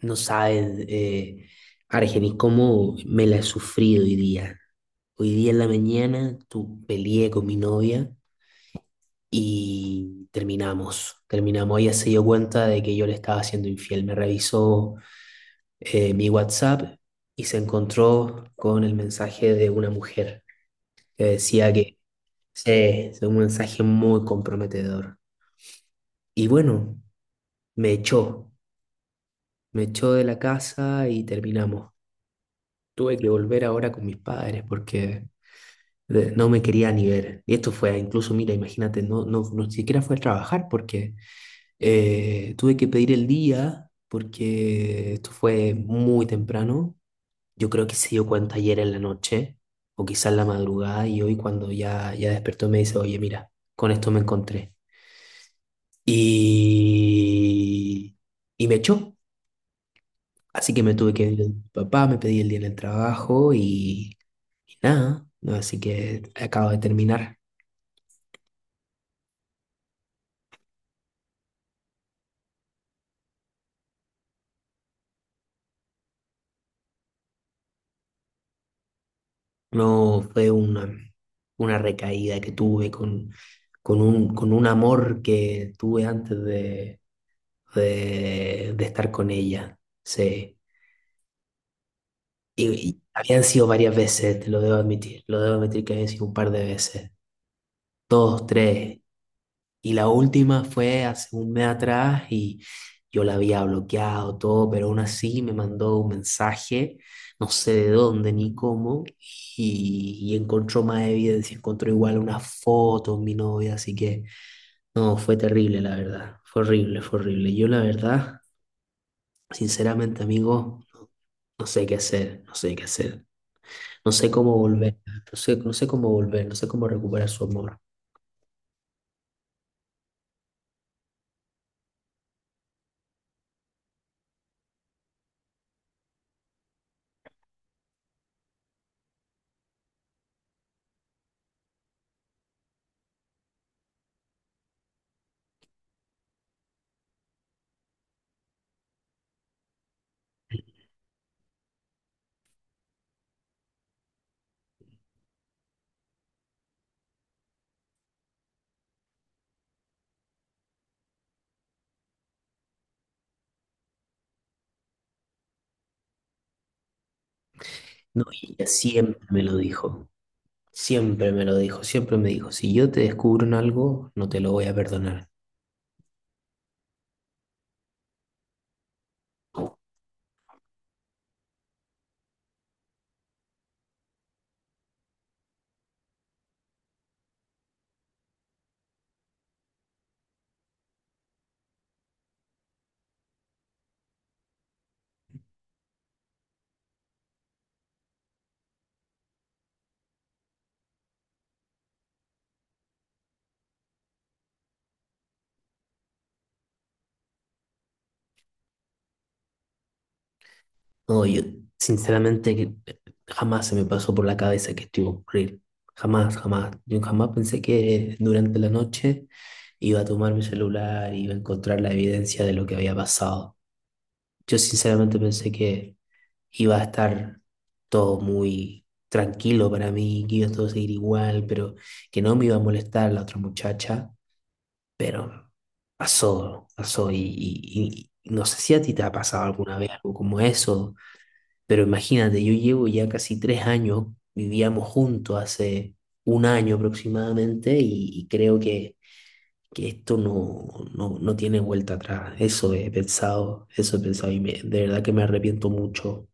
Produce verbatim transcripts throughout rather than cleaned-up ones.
No sabes, eh, Argenis, cómo me la he sufrido hoy día. Hoy día en la mañana tu, peleé con mi novia y terminamos. Terminamos. Ella se dio cuenta de que yo le estaba siendo infiel. Me revisó eh, mi WhatsApp y se encontró con el mensaje de una mujer que decía que sí, es un mensaje muy comprometedor. Y bueno, me echó. Me echó de la casa y terminamos. Tuve que volver ahora con mis padres porque de- no me quería ni ver. Y esto fue, incluso, mira, imagínate, no, no, no siquiera fue a trabajar porque eh, tuve que pedir el día porque esto fue muy temprano. Yo creo que se dio cuenta ayer en la noche o quizás en la madrugada y hoy cuando ya, ya despertó me dice, oye, mira, con esto me encontré. Y, y me echó. Así que me tuve que ir con mi papá, me pedí el día en el trabajo y, y nada, ¿no? Así que acabo de terminar. No, fue una, una recaída que tuve con, con un, con un amor que tuve antes de, de, de estar con ella. Sí. Y, y habían sido varias veces, te lo debo admitir, lo debo admitir que habían sido un par de veces, dos, tres, y la última fue hace un mes atrás y yo la había bloqueado todo, pero aún así me mandó un mensaje, no sé de dónde ni cómo, y, y encontró más evidencia, encontró igual una foto de mi novia, así que no, fue terrible la verdad, fue horrible, fue horrible. Yo la verdad, sinceramente amigo, no, no sé qué hacer, no sé qué hacer, no sé cómo volver, no sé, no sé cómo volver, no sé cómo recuperar su amor. No, y ella siempre me lo dijo. Siempre me lo dijo, siempre me dijo, si yo te descubro en algo, no te lo voy a perdonar. No, yo sinceramente que eh, jamás se me pasó por la cabeza que esto iba a ocurrir. Jamás, jamás. Yo jamás pensé que durante la noche iba a tomar mi celular y iba a encontrar la evidencia de lo que había pasado. Yo sinceramente pensé que iba a estar todo muy tranquilo para mí, que iba a todo seguir igual, pero que no me iba a molestar la otra muchacha. Pero pasó, pasó y, y- y no sé si a ti te ha pasado alguna vez algo como eso, pero imagínate, yo llevo ya casi tres años, vivíamos juntos hace un año aproximadamente y, y creo que, que esto no, no, no tiene vuelta atrás. Eso he pensado, eso he pensado y me- de verdad que me arrepiento mucho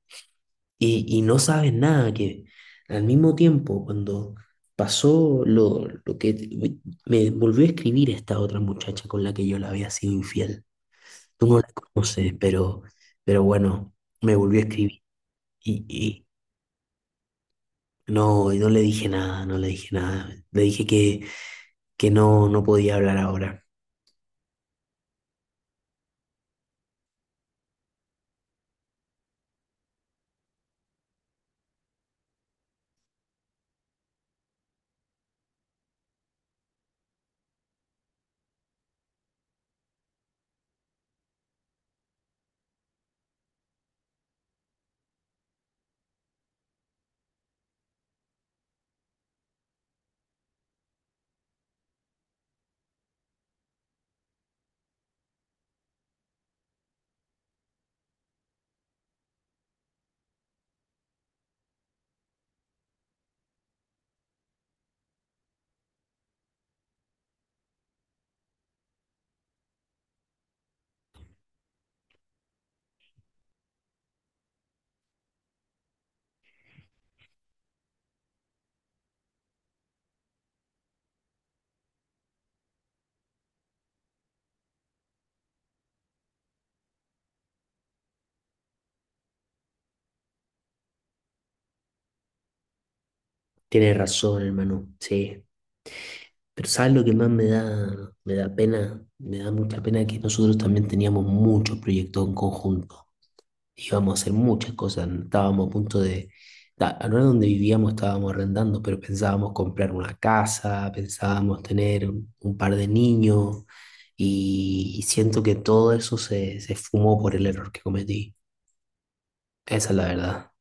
y, y, no sabes nada, que al mismo tiempo cuando pasó lo, lo que me volvió a escribir esta otra muchacha con la que yo la había sido infiel. Tú no la conoces, pero, pero, bueno, me volvió a escribir y, y no, y no le dije nada, no le dije nada. Le dije que, que no, no podía hablar ahora. Tienes razón, hermano, sí. Pero ¿sabes lo que más me da, me da pena? Me da mucha pena que nosotros también teníamos muchos proyectos en conjunto. Íbamos a hacer muchas cosas. Estábamos a punto de, ta- no era donde vivíamos, estábamos arrendando, pero pensábamos comprar una casa, pensábamos tener un, un par de niños y, y siento que todo eso se, se fumó por el error que cometí. Esa es la verdad.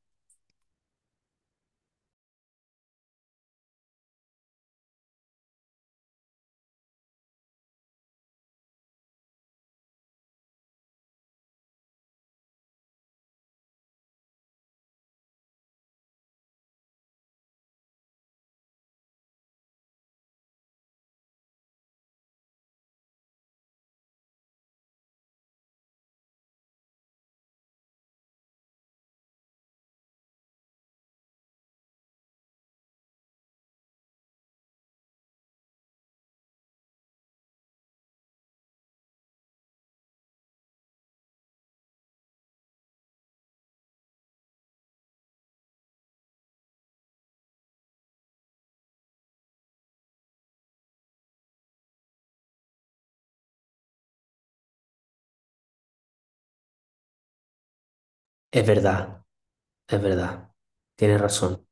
Es verdad, es verdad. Tienes razón.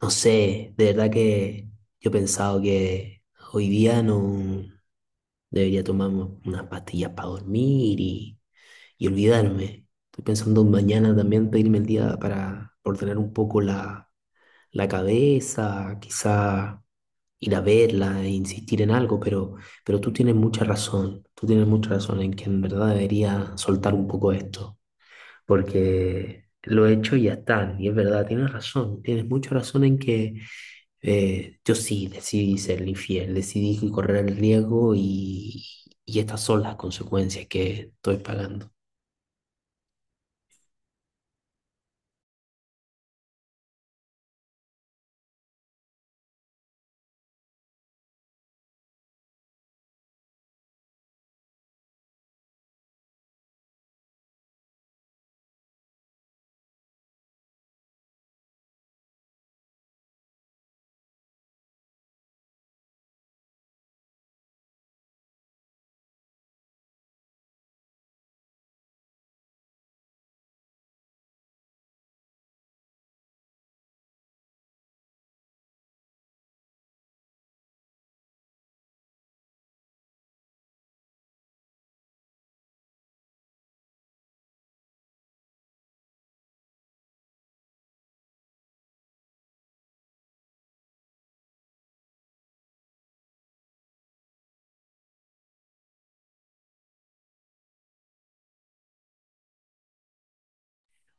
No sé, de verdad que yo he pensado que hoy día no debería tomar unas pastillas para dormir y... y olvidarme. Estoy pensando mañana también pedirme el día para ordenar un poco la, la cabeza, quizá ir a verla e insistir en algo, pero, pero tú tienes mucha razón, tú tienes mucha razón en que en verdad debería soltar un poco esto, porque lo he hecho y ya está, y es verdad, tienes razón, tienes mucha razón en que eh, yo sí decidí ser infiel, decidí correr el riesgo y, y estas son las consecuencias que estoy pagando.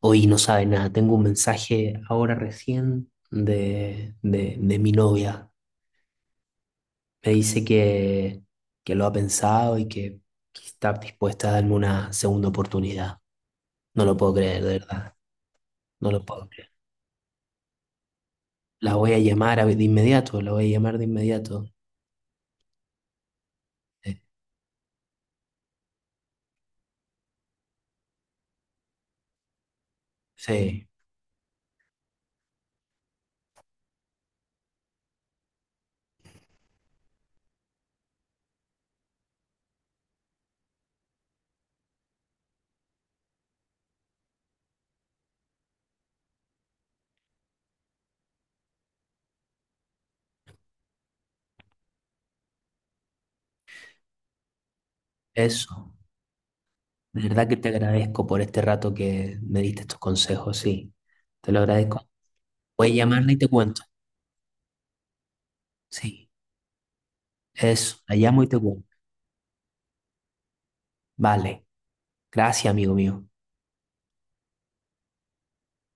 Hoy no sabe nada, tengo un mensaje ahora recién de, de, de mi novia. Me dice que, que lo ha pensado y que, que está dispuesta a darme una segunda oportunidad. No lo puedo creer, de verdad. No lo puedo creer. La voy a llamar a- de inmediato, la voy a llamar de inmediato. Eh, Sí, eso. De verdad que te agradezco por este rato que me diste estos consejos, sí. Te lo agradezco. Voy a llamarla y te cuento. Sí, eso. La llamo y te cuento. Vale. Gracias, amigo mío.